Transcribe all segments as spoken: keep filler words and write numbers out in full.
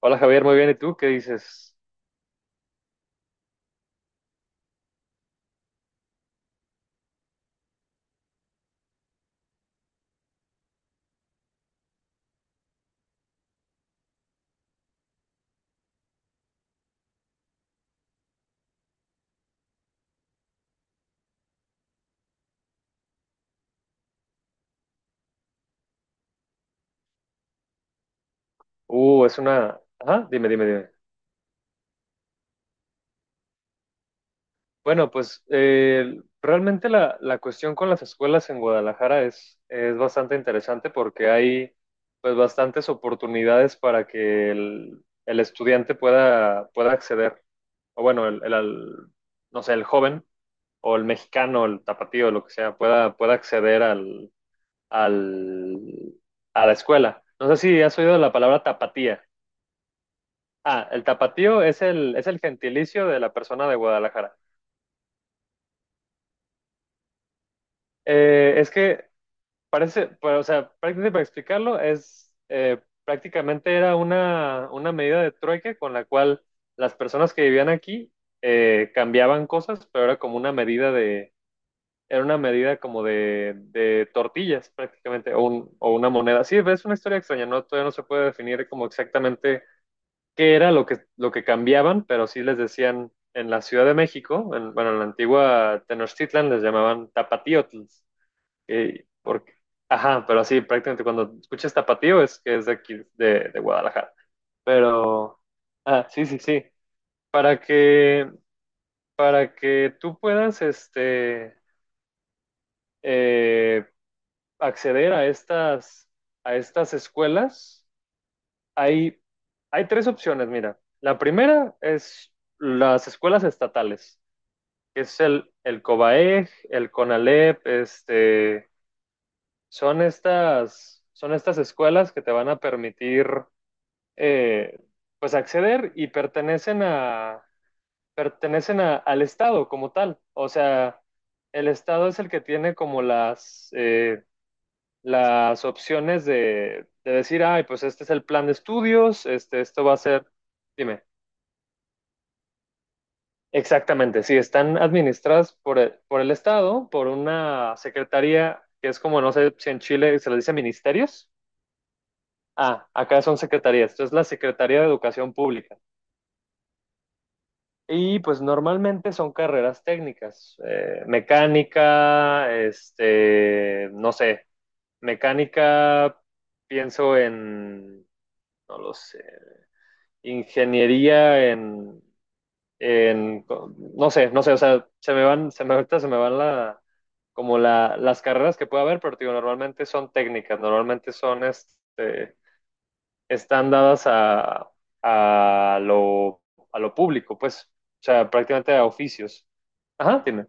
Hola Javier, muy bien. ¿Y tú qué dices? Uh, es una... Ajá, dime, dime, dime. Bueno, pues eh, realmente la, la cuestión con las escuelas en Guadalajara es, es bastante interesante porque hay pues bastantes oportunidades para que el, el estudiante pueda, pueda acceder, o bueno, el, el- al- no sé, el joven o el mexicano, el tapatío, lo que sea, pueda, pueda acceder al, al, a la escuela. No sé si has oído la palabra tapatía. Ah, el tapatío es el, es el gentilicio de la persona de Guadalajara. Eh, es que parece, pues, o sea, prácticamente para explicarlo, es eh, prácticamente era una, una medida de trueque con la cual las personas que vivían aquí eh, cambiaban cosas, pero era como una medida de, era una medida como de, de tortillas prácticamente, o, un- o una moneda. Sí, es una historia extraña, ¿no? Todavía no se puede definir como exactamente qué era lo que, lo que cambiaban, pero sí les decían en la Ciudad de México, en, bueno, en la antigua Tenochtitlan les llamaban tapatíotls, eh, porque, ajá, pero así prácticamente cuando escuchas tapatío es que es de aquí, de, de Guadalajara. Pero, ah, sí, sí, sí, para que, para que tú puedas, este, eh, acceder a estas, a estas escuelas. Hay, hay tres opciones, mira. La primera es las escuelas estatales, que es el, el COBAEJ, el CONALEP, este, son estas, son estas escuelas que te van a permitir eh, pues acceder y pertenecen a, pertenecen a- al Estado como tal. O sea, el Estado es el que tiene como las, eh, las opciones de, de decir, ay, pues este es el plan de estudios, este, esto va a ser, dime. Exactamente, sí, están administradas por el, por el Estado, por una secretaría que es como, no sé si en Chile se les dice ministerios. Ah, acá son secretarías, esto es la Secretaría de Educación Pública. Y pues normalmente son carreras técnicas, eh, mecánica, este, no sé, mecánica, pienso en, no lo sé, ingeniería en en- no sé, no sé, o sea, se me van, se me ahorita se me van la, como la, las carreras que puede haber, pero te digo, normalmente son técnicas, normalmente son, este, están dadas a, a lo, a lo público, pues, o sea, prácticamente a oficios. Ajá, tiene.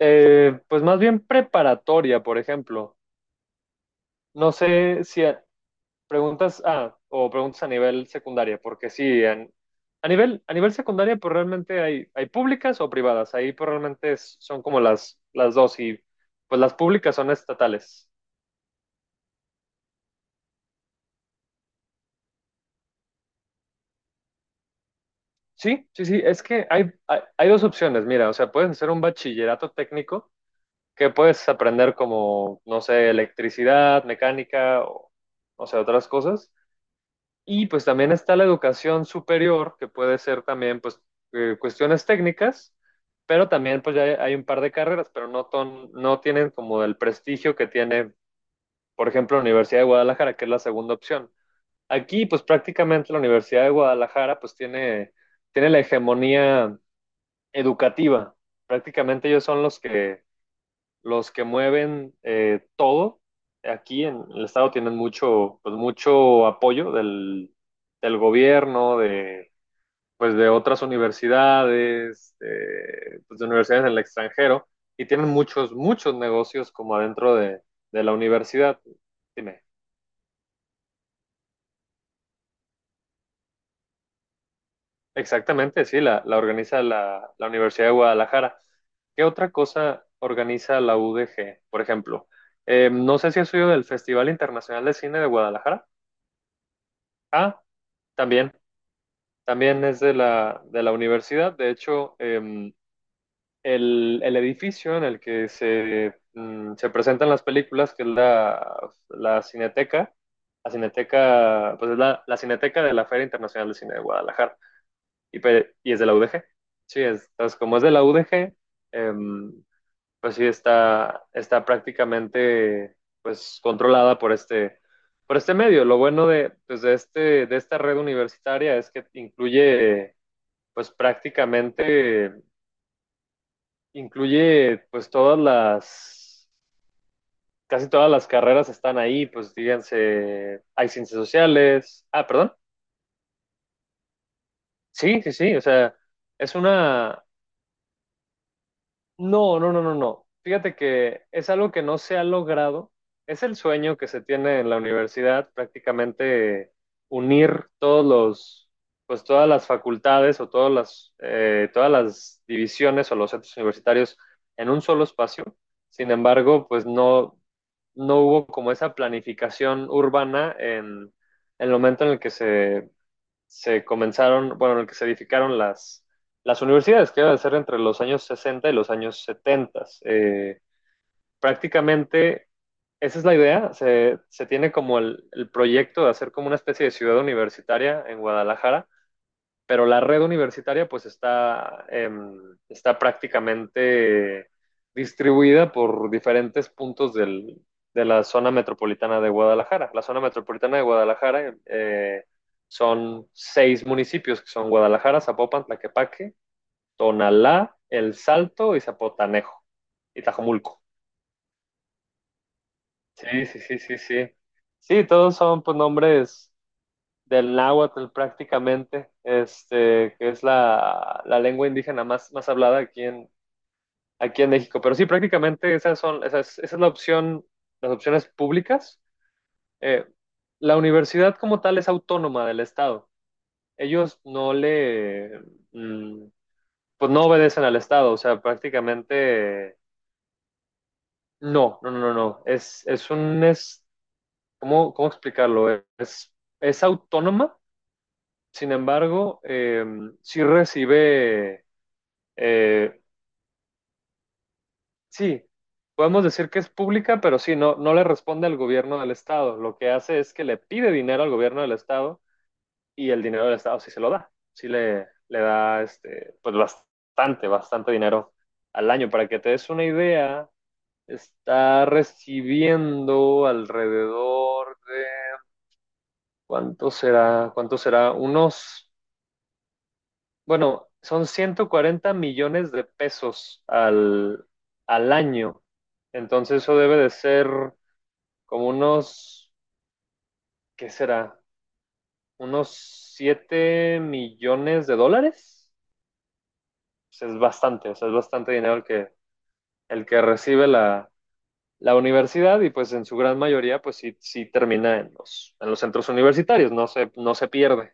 Eh, pues más bien preparatoria, por ejemplo. No sé si, Preguntas, ah, o preguntas a nivel secundaria, porque sí, en- a nivel, a nivel secundaria, pues realmente hay, hay públicas o privadas. Ahí pues realmente es- son como las, las dos y pues las públicas son estatales. Sí, sí, sí, es que hay, hay, hay dos opciones, mira, o sea, puedes hacer un bachillerato técnico que puedes aprender como, no sé, electricidad, mecánica o, no sé, otras cosas. Y pues también está la educación superior, que puede ser también pues eh, cuestiones técnicas, pero también pues ya hay, hay un par de carreras, pero no, ton- no tienen como el prestigio que tiene, por ejemplo, la Universidad de Guadalajara, que es la segunda opción. Aquí pues prácticamente la Universidad de Guadalajara pues tiene, tiene la hegemonía educativa. Prácticamente ellos son los que los que mueven eh, todo aquí en el estado tienen mucho, pues mucho apoyo del, del gobierno, de, pues de otras universidades, de, pues de universidades en el extranjero, y tienen muchos, muchos negocios como adentro de, de la universidad. Dime. Exactamente, sí, la, la organiza la, la Universidad de Guadalajara. ¿Qué otra cosa organiza la U D G, por ejemplo? Eh, no sé si has oído del Festival Internacional de Cine de Guadalajara. Ah, también, también es de la, de la universidad. De hecho, em, el, el edificio en el que se, mm, se presentan las películas, que es la, la Cineteca, la Cineteca, pues es la, la Cineteca de la Feria Internacional de Cine de Guadalajara, y, pe- y es de la U D G. Sí, es, entonces, como es de la U D G, pues sí está, está prácticamente pues controlada por este, por este medio. Lo bueno de, pues, de, este, de esta red universitaria es que incluye pues prácticamente, incluye pues todas las, casi todas las carreras están ahí, pues díganse, hay ciencias sociales, ah, perdón, sí, sí, sí, o sea, es una, no, no, no, no, no. Fíjate que es algo que no se ha logrado. Es el sueño que se tiene en la universidad, prácticamente unir todos los, pues todas las facultades o todas las, eh, todas las divisiones o los centros universitarios en un solo espacio. Sin embargo, pues no, no hubo como esa planificación urbana en, en el momento en el que se se comenzaron, bueno, en el que se edificaron las, las universidades, que iba a ser entre los años sesenta y los años setenta. Eh, prácticamente esa es la idea, se, se tiene como el, el proyecto de hacer como una especie de ciudad universitaria en Guadalajara, pero la red universitaria pues está, eh, está prácticamente distribuida por diferentes puntos del, de la zona metropolitana de Guadalajara. La zona metropolitana de Guadalajara eh, son seis municipios, que son Guadalajara, Zapopan, Tlaquepaque, Tonalá, El Salto y Zapotanejo, y Tajomulco. Sí, sí, sí, sí, sí. Sí, todos son pues nombres del náhuatl prácticamente, este, que es la, la lengua indígena más, más hablada aquí en, aquí en México. Pero sí, prácticamente esas son, esa es, esa es la opción, las opciones públicas. Eh, la universidad como tal es autónoma del Estado. Ellos no le, mm, pues no obedecen al Estado, o sea, prácticamente no, no, no, no, no. Es, es un, es, ¿cómo, cómo explicarlo? Es, es autónoma, sin embargo, eh, sí recibe eh, sí, podemos decir que es pública, pero sí, no, no le responde al gobierno del estado. Lo que hace es que le pide dinero al gobierno del estado y el dinero del estado sí se lo da. Sí le, le da este, pues bastante, bastante dinero al año. Para que te des una idea, está recibiendo alrededor de, ¿cuánto será? ¿Cuánto será? Unos Bueno, son ciento cuarenta millones de pesos al, al año. Entonces eso debe de ser como unos, ¿qué será? Unos siete millones de dólares. Pues es bastante, o sea, es bastante dinero el que, el que recibe la, la universidad y pues en su gran mayoría pues sí, sí termina en los, en los centros universitarios, no se, no se pierde.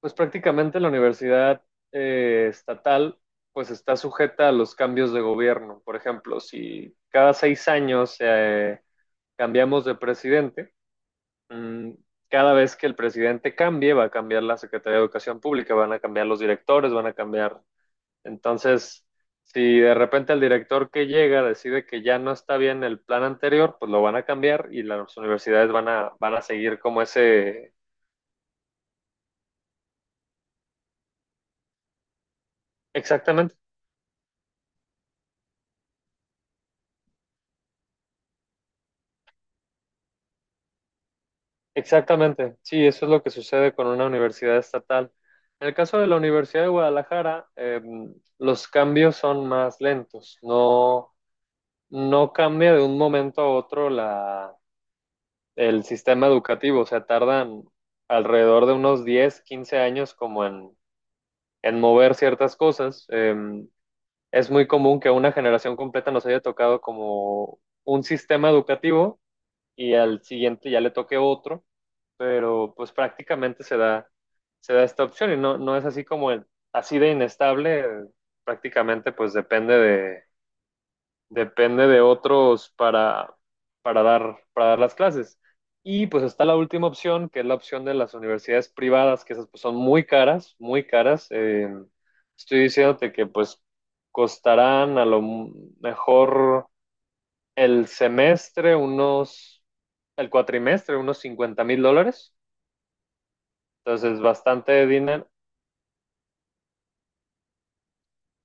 Pues prácticamente la universidad eh, estatal pues está sujeta a los cambios de gobierno. Por ejemplo, si cada seis años eh, cambiamos de presidente, mm, cada vez que el presidente cambie va a cambiar la Secretaría de Educación Pública, van a cambiar los directores, van a cambiar. Entonces, si de repente el director que llega decide que ya no está bien el plan anterior, pues lo van a cambiar y las universidades van a, van a seguir como ese, exactamente. Exactamente, sí, eso es lo que sucede con una universidad estatal. En el caso de la Universidad de Guadalajara, eh, los cambios son más lentos. No, no cambia de un momento a otro la, el sistema educativo. O sea, tardan alrededor de unos diez, quince años como en, en mover ciertas cosas. Eh, es muy común que a una generación completa nos haya tocado como un sistema educativo y al siguiente ya le toque otro, pero pues prácticamente se da, se da esta opción y no, no es así como el- así de inestable, eh, prácticamente pues depende de, depende de otros para, para dar, para dar las clases. Y pues está la última opción, que es la opción de las universidades privadas, que esas pues, son muy caras, muy caras. Eh, estoy diciéndote que pues costarán a lo mejor el semestre unos, el cuatrimestre unos cincuenta mil dólares. Entonces, bastante dinero,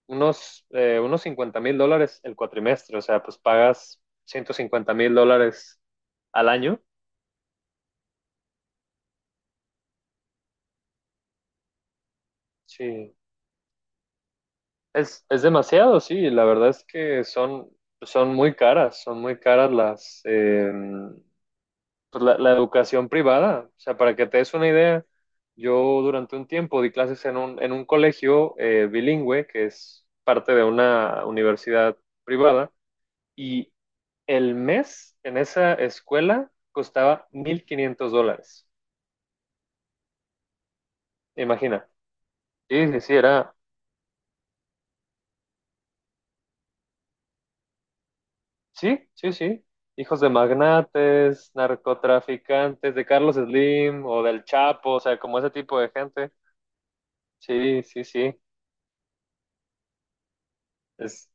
unos, eh, unos cincuenta mil dólares el cuatrimestre, o sea, pues pagas ciento cincuenta mil dólares al año. Sí, es, es demasiado, sí, la verdad es que son, son muy caras, son muy caras las, eh, pues la, la educación privada. O sea, para que te des una idea, yo durante un tiempo di clases en un, en un colegio eh, bilingüe que es parte de una universidad privada. Y el mes en esa escuela costaba mil quinientos dólares. Imagina. Sí, sí, sí, era. Sí, sí, sí. Hijos de magnates, narcotraficantes, de Carlos Slim o del Chapo, o sea, como ese tipo de gente. Sí, sí, sí. Es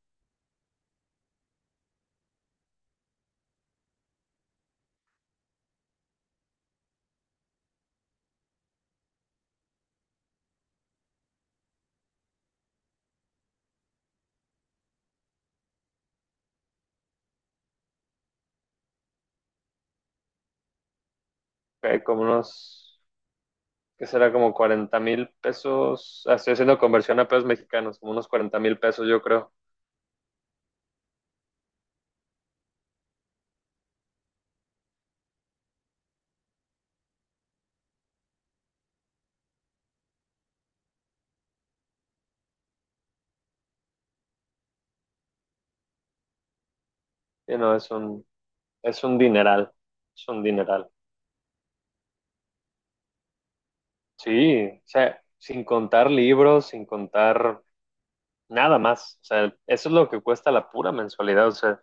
eh, como unos, que será como cuarenta mil pesos. Ah, Estoy haciendo conversión a pesos mexicanos, como unos cuarenta mil pesos, yo creo. Sí, no, es un, es un dineral. Es un dineral. Sí, o sea, sin contar libros, sin contar nada más. O sea, eso es lo que cuesta la pura mensualidad. O sea,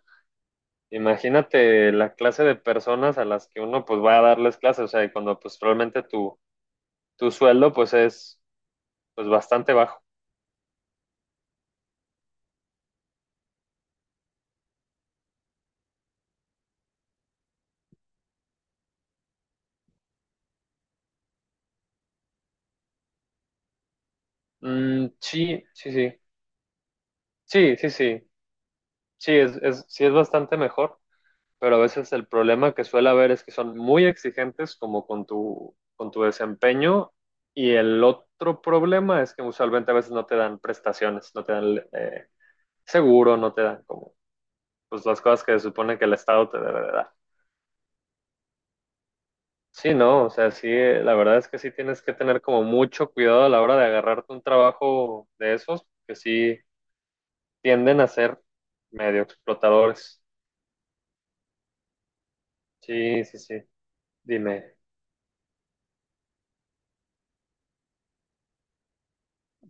imagínate la clase de personas a las que uno pues va a darles clases. O sea, y cuando pues realmente tu, tu sueldo pues es pues bastante bajo. Mm, sí, sí, sí. Sí, sí, sí. Sí, es, es, sí es bastante mejor. Pero a veces el problema que suele haber es que son muy exigentes como con tu, con tu desempeño y el otro problema es que usualmente a veces no te dan prestaciones, no te dan eh, seguro, no te dan como pues las cosas que se supone que el Estado te debe de dar. Sí, no, o sea, sí, la verdad es que sí tienes que tener como mucho cuidado a la hora de agarrarte un trabajo de esos, que sí tienden a ser medio explotadores. Sí, sí, sí. Dime.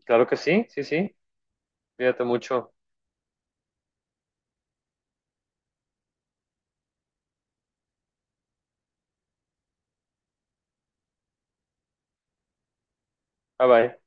Claro que sí, sí, sí. Cuídate mucho. Bye bye.